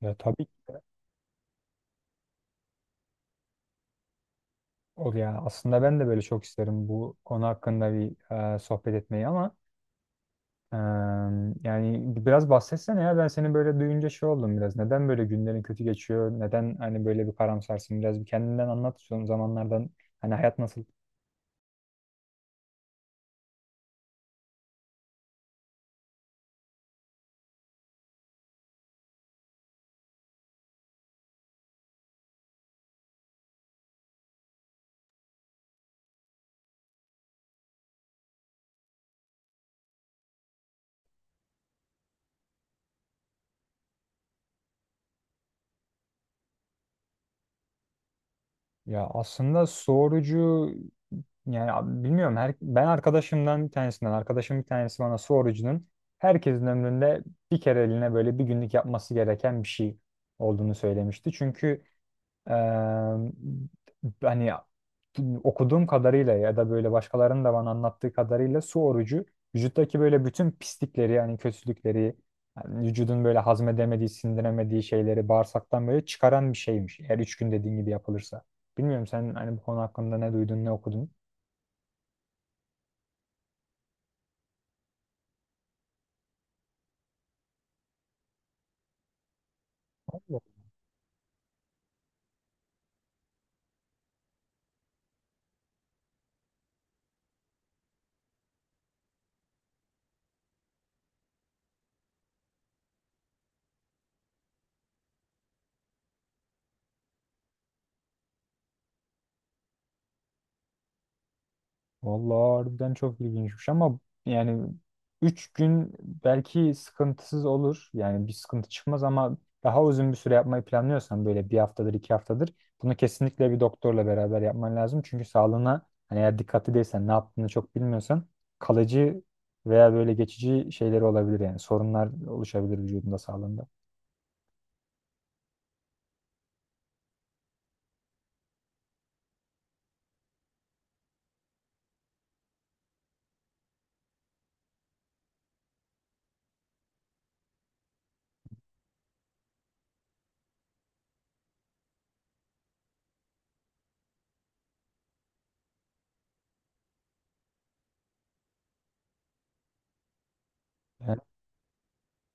Ya tabii ki de. O yani aslında ben de böyle çok isterim bu konu hakkında bir sohbet etmeyi ama e, yani biraz bahsetsene ya ben seni böyle duyunca şey oldum biraz. Neden böyle günlerin kötü geçiyor? Neden hani böyle bir karamsarsın? Biraz bir kendinden anlat son zamanlardan hani hayat nasıl? Ya aslında sorucu yani bilmiyorum her, ben arkadaşımdan bir tanesinden arkadaşım bir tanesi bana sorucunun herkesin ömründe bir kere eline böyle bir günlük yapması gereken bir şey olduğunu söylemişti. Çünkü Eee, hani okuduğum kadarıyla ya da böyle başkalarının da bana anlattığı kadarıyla su orucu vücuttaki böyle bütün pislikleri yani kötülükleri yani vücudun böyle hazmedemediği, sindiremediği şeyleri bağırsaktan böyle çıkaran bir şeymiş. Eğer üç gün dediğin gibi yapılırsa. Bilmiyorum sen hani bu konu hakkında ne duydun, ne okudun? Allah. Vallahi harbiden çok ilginçmiş ama yani 3 gün belki sıkıntısız olur. Yani bir sıkıntı çıkmaz ama daha uzun bir süre yapmayı planlıyorsan böyle bir haftadır iki haftadır bunu kesinlikle bir doktorla beraber yapman lazım. Çünkü sağlığına hani eğer dikkatli değilsen ne yaptığını çok bilmiyorsan kalıcı veya böyle geçici şeyleri olabilir yani sorunlar oluşabilir vücudunda sağlığında. Yani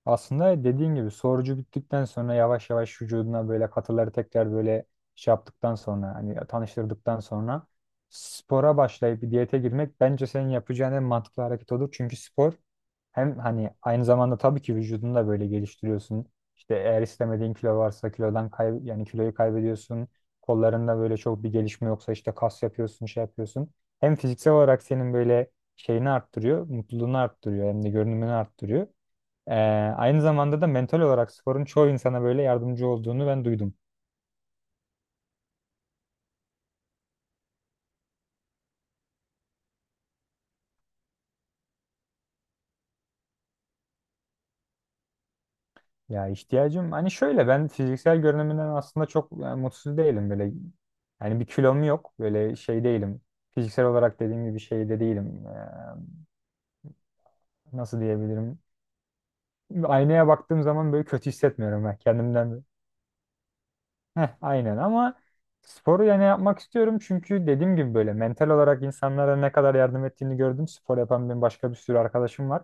aslında dediğin gibi sorucu bittikten sonra yavaş yavaş vücuduna böyle katıları tekrar böyle şey yaptıktan sonra hani tanıştırdıktan sonra spora başlayıp bir diyete girmek bence senin yapacağın en mantıklı hareket olur. Çünkü spor hem hani aynı zamanda tabii ki vücudunu da böyle geliştiriyorsun. İşte eğer istemediğin kilo varsa kilodan kay yani kiloyu kaybediyorsun. Kollarında böyle çok bir gelişme yoksa işte kas yapıyorsun, şey yapıyorsun. Hem fiziksel olarak senin böyle şeyini arttırıyor, mutluluğunu arttırıyor hem de görünümünü arttırıyor. Ee, Aynı zamanda da mental olarak sporun çoğu insana böyle yardımcı olduğunu ben duydum. Ya ihtiyacım hani şöyle ben fiziksel görünümünden aslında çok yani, mutsuz değilim böyle. Yani bir kilom yok böyle şey değilim. Fiziksel olarak dediğim gibi şey de değilim. Nasıl diyebilirim? Aynaya baktığım zaman böyle kötü hissetmiyorum ben kendimden. Heh, aynen ama sporu yani yapmak istiyorum çünkü dediğim gibi böyle mental olarak insanlara ne kadar yardım ettiğini gördüm. Spor yapan benim başka bir sürü arkadaşım var.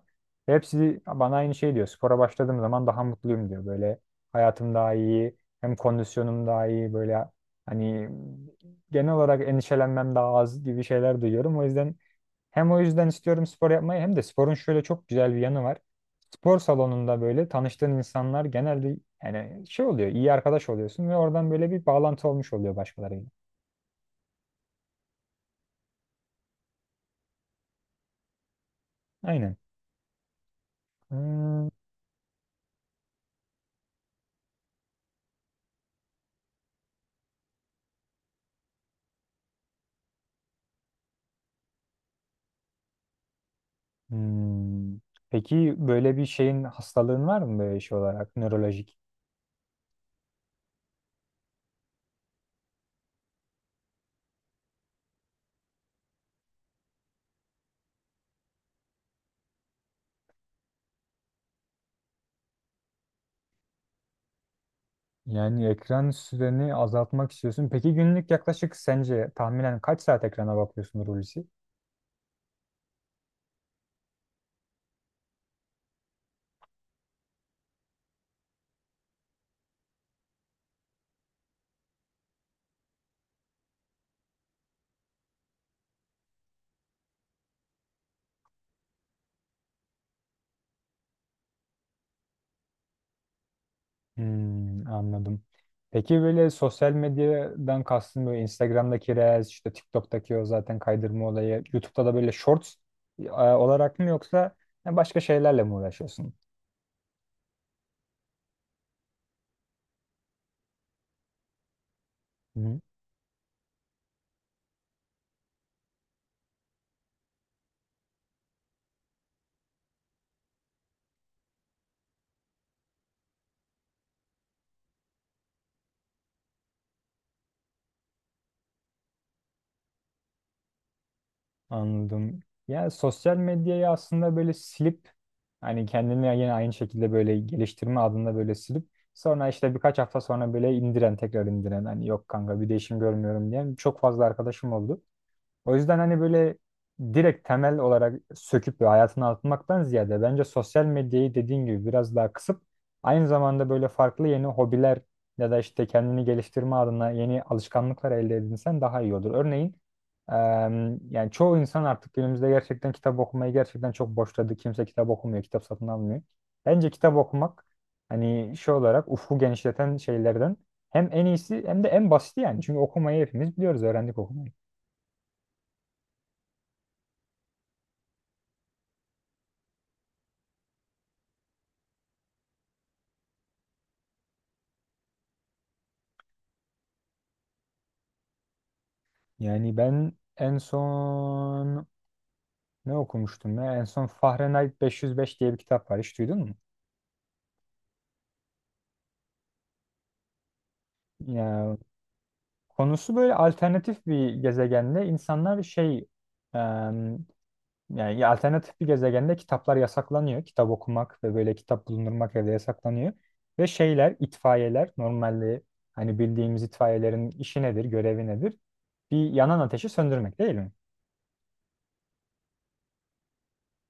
Ve hepsi bana aynı şey diyor. Spora başladığım zaman daha mutluyum diyor. Böyle hayatım daha iyi, hem kondisyonum daha iyi böyle hani genel olarak endişelenmem daha az gibi şeyler duyuyorum. O yüzden hem o yüzden istiyorum spor yapmayı hem de sporun şöyle çok güzel bir yanı var. Spor salonunda böyle tanıştığın insanlar genelde yani şey oluyor, iyi arkadaş oluyorsun ve oradan böyle bir bağlantı olmuş oluyor başkalarıyla. Aynen. Hmm. Hmm. Peki böyle bir şeyin hastalığın var mı böyle şey olarak nörolojik? Yani ekran süreni azaltmak istiyorsun. Peki günlük yaklaşık sence tahminen kaç saat ekrana bakıyorsun Hulusi? Hmm, anladım. Peki böyle sosyal medyadan kastın böyle Instagram'daki Reels, işte TikTok'taki o zaten kaydırma olayı, YouTube'da da böyle Shorts olarak mı yoksa başka şeylerle mi uğraşıyorsun? Hı, anladım. Yani sosyal medyayı aslında böyle silip hani kendini yine aynı şekilde böyle geliştirme adında böyle silip sonra işte birkaç hafta sonra böyle indiren tekrar indiren hani yok kanka bir değişim görmüyorum diyen çok fazla arkadaşım oldu. O yüzden hani böyle direkt temel olarak söküp ve hayatına atmaktan ziyade bence sosyal medyayı dediğin gibi biraz daha kısıp aynı zamanda böyle farklı yeni hobiler ya da işte kendini geliştirme adına yeni alışkanlıklar elde edinsen daha iyi olur. Örneğin yani çoğu insan artık günümüzde gerçekten kitap okumayı gerçekten çok boşladı. Kimse kitap okumuyor, kitap satın almıyor. Bence kitap okumak hani şey olarak ufku genişleten şeylerden hem en iyisi hem de en basiti yani. Çünkü okumayı hepimiz biliyoruz, öğrendik okumayı. Yani ben en son ne okumuştum ya? En son Fahrenheit 505 diye bir kitap var. Hiç duydun mu? Ya konusu böyle alternatif bir gezegende insanlar şey em, yani alternatif bir gezegende kitaplar yasaklanıyor. Kitap okumak ve böyle kitap bulundurmak evde yasaklanıyor. Ve şeyler, itfaiyeler normalde hani bildiğimiz itfaiyelerin işi nedir, görevi nedir? Bir yanan ateşi söndürmek değil mi?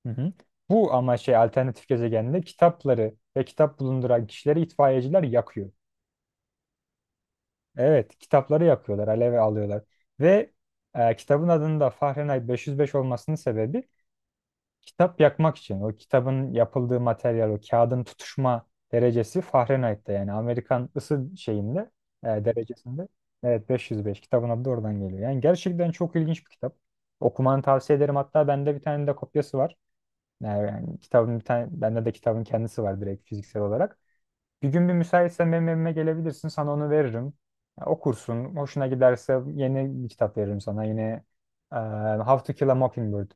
Hı hı. Bu ama şey alternatif gezegende kitapları ve kitap bulunduran kişileri itfaiyeciler yakıyor. Evet, kitapları yakıyorlar, aleve alıyorlar. Ve kitabın adının da Fahrenheit 505 olmasının sebebi kitap yakmak için. O kitabın yapıldığı materyal, o kağıdın tutuşma derecesi Fahrenheit'te yani Amerikan ısı şeyinde, derecesinde. Evet, 505 kitabın adı da oradan geliyor. Yani gerçekten çok ilginç bir kitap. Okumanı tavsiye ederim. Hatta bende bir tane de kopyası var. Yani yani kitabın bir tane, bende de kitabın kendisi var direkt fiziksel olarak. Bir gün bir müsaitsen benim evime gelebilirsin, sana onu veririm. Ya, okursun, hoşuna giderse yeni bir kitap veririm sana. Yine e, How to Kill a Mockingbird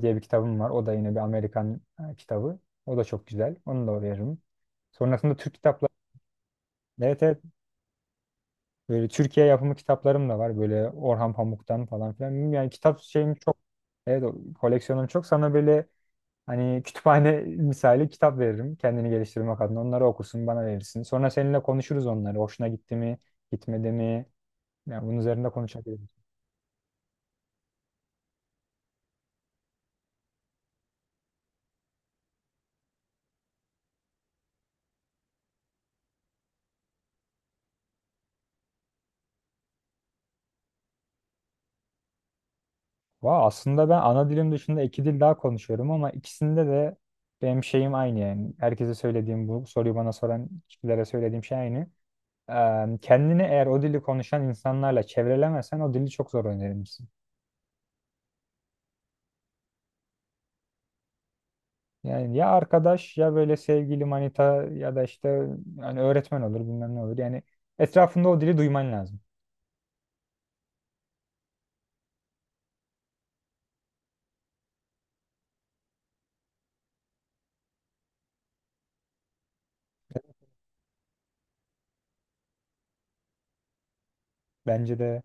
diye bir kitabım var. O da yine bir Amerikan kitabı. O da çok güzel, onu da veririm. Sonrasında Türk kitapları, evet evet, böyle Türkiye yapımı kitaplarım da var. Böyle Orhan Pamuk'tan falan filan. Yani kitap şeyim çok, evet o koleksiyonum çok. Sana böyle hani kütüphane misali kitap veririm kendini geliştirmek adına. Onları okursun, bana verirsin. Sonra seninle konuşuruz onları. Hoşuna gitti mi, gitmedi mi? Yani bunun üzerinde konuşabiliriz. Valla aslında ben ana dilim dışında iki dil daha konuşuyorum ama ikisinde de benim şeyim aynı yani. Herkese söylediğim bu soruyu bana soran kişilere söylediğim şey aynı. Kendini eğer o dili konuşan insanlarla çevrelemesen o dili çok zor öğrenirsin. Yani ya arkadaş ya böyle sevgili manita ya da işte hani öğretmen olur bilmem ne olur. Yani etrafında o dili duyman lazım. Bence de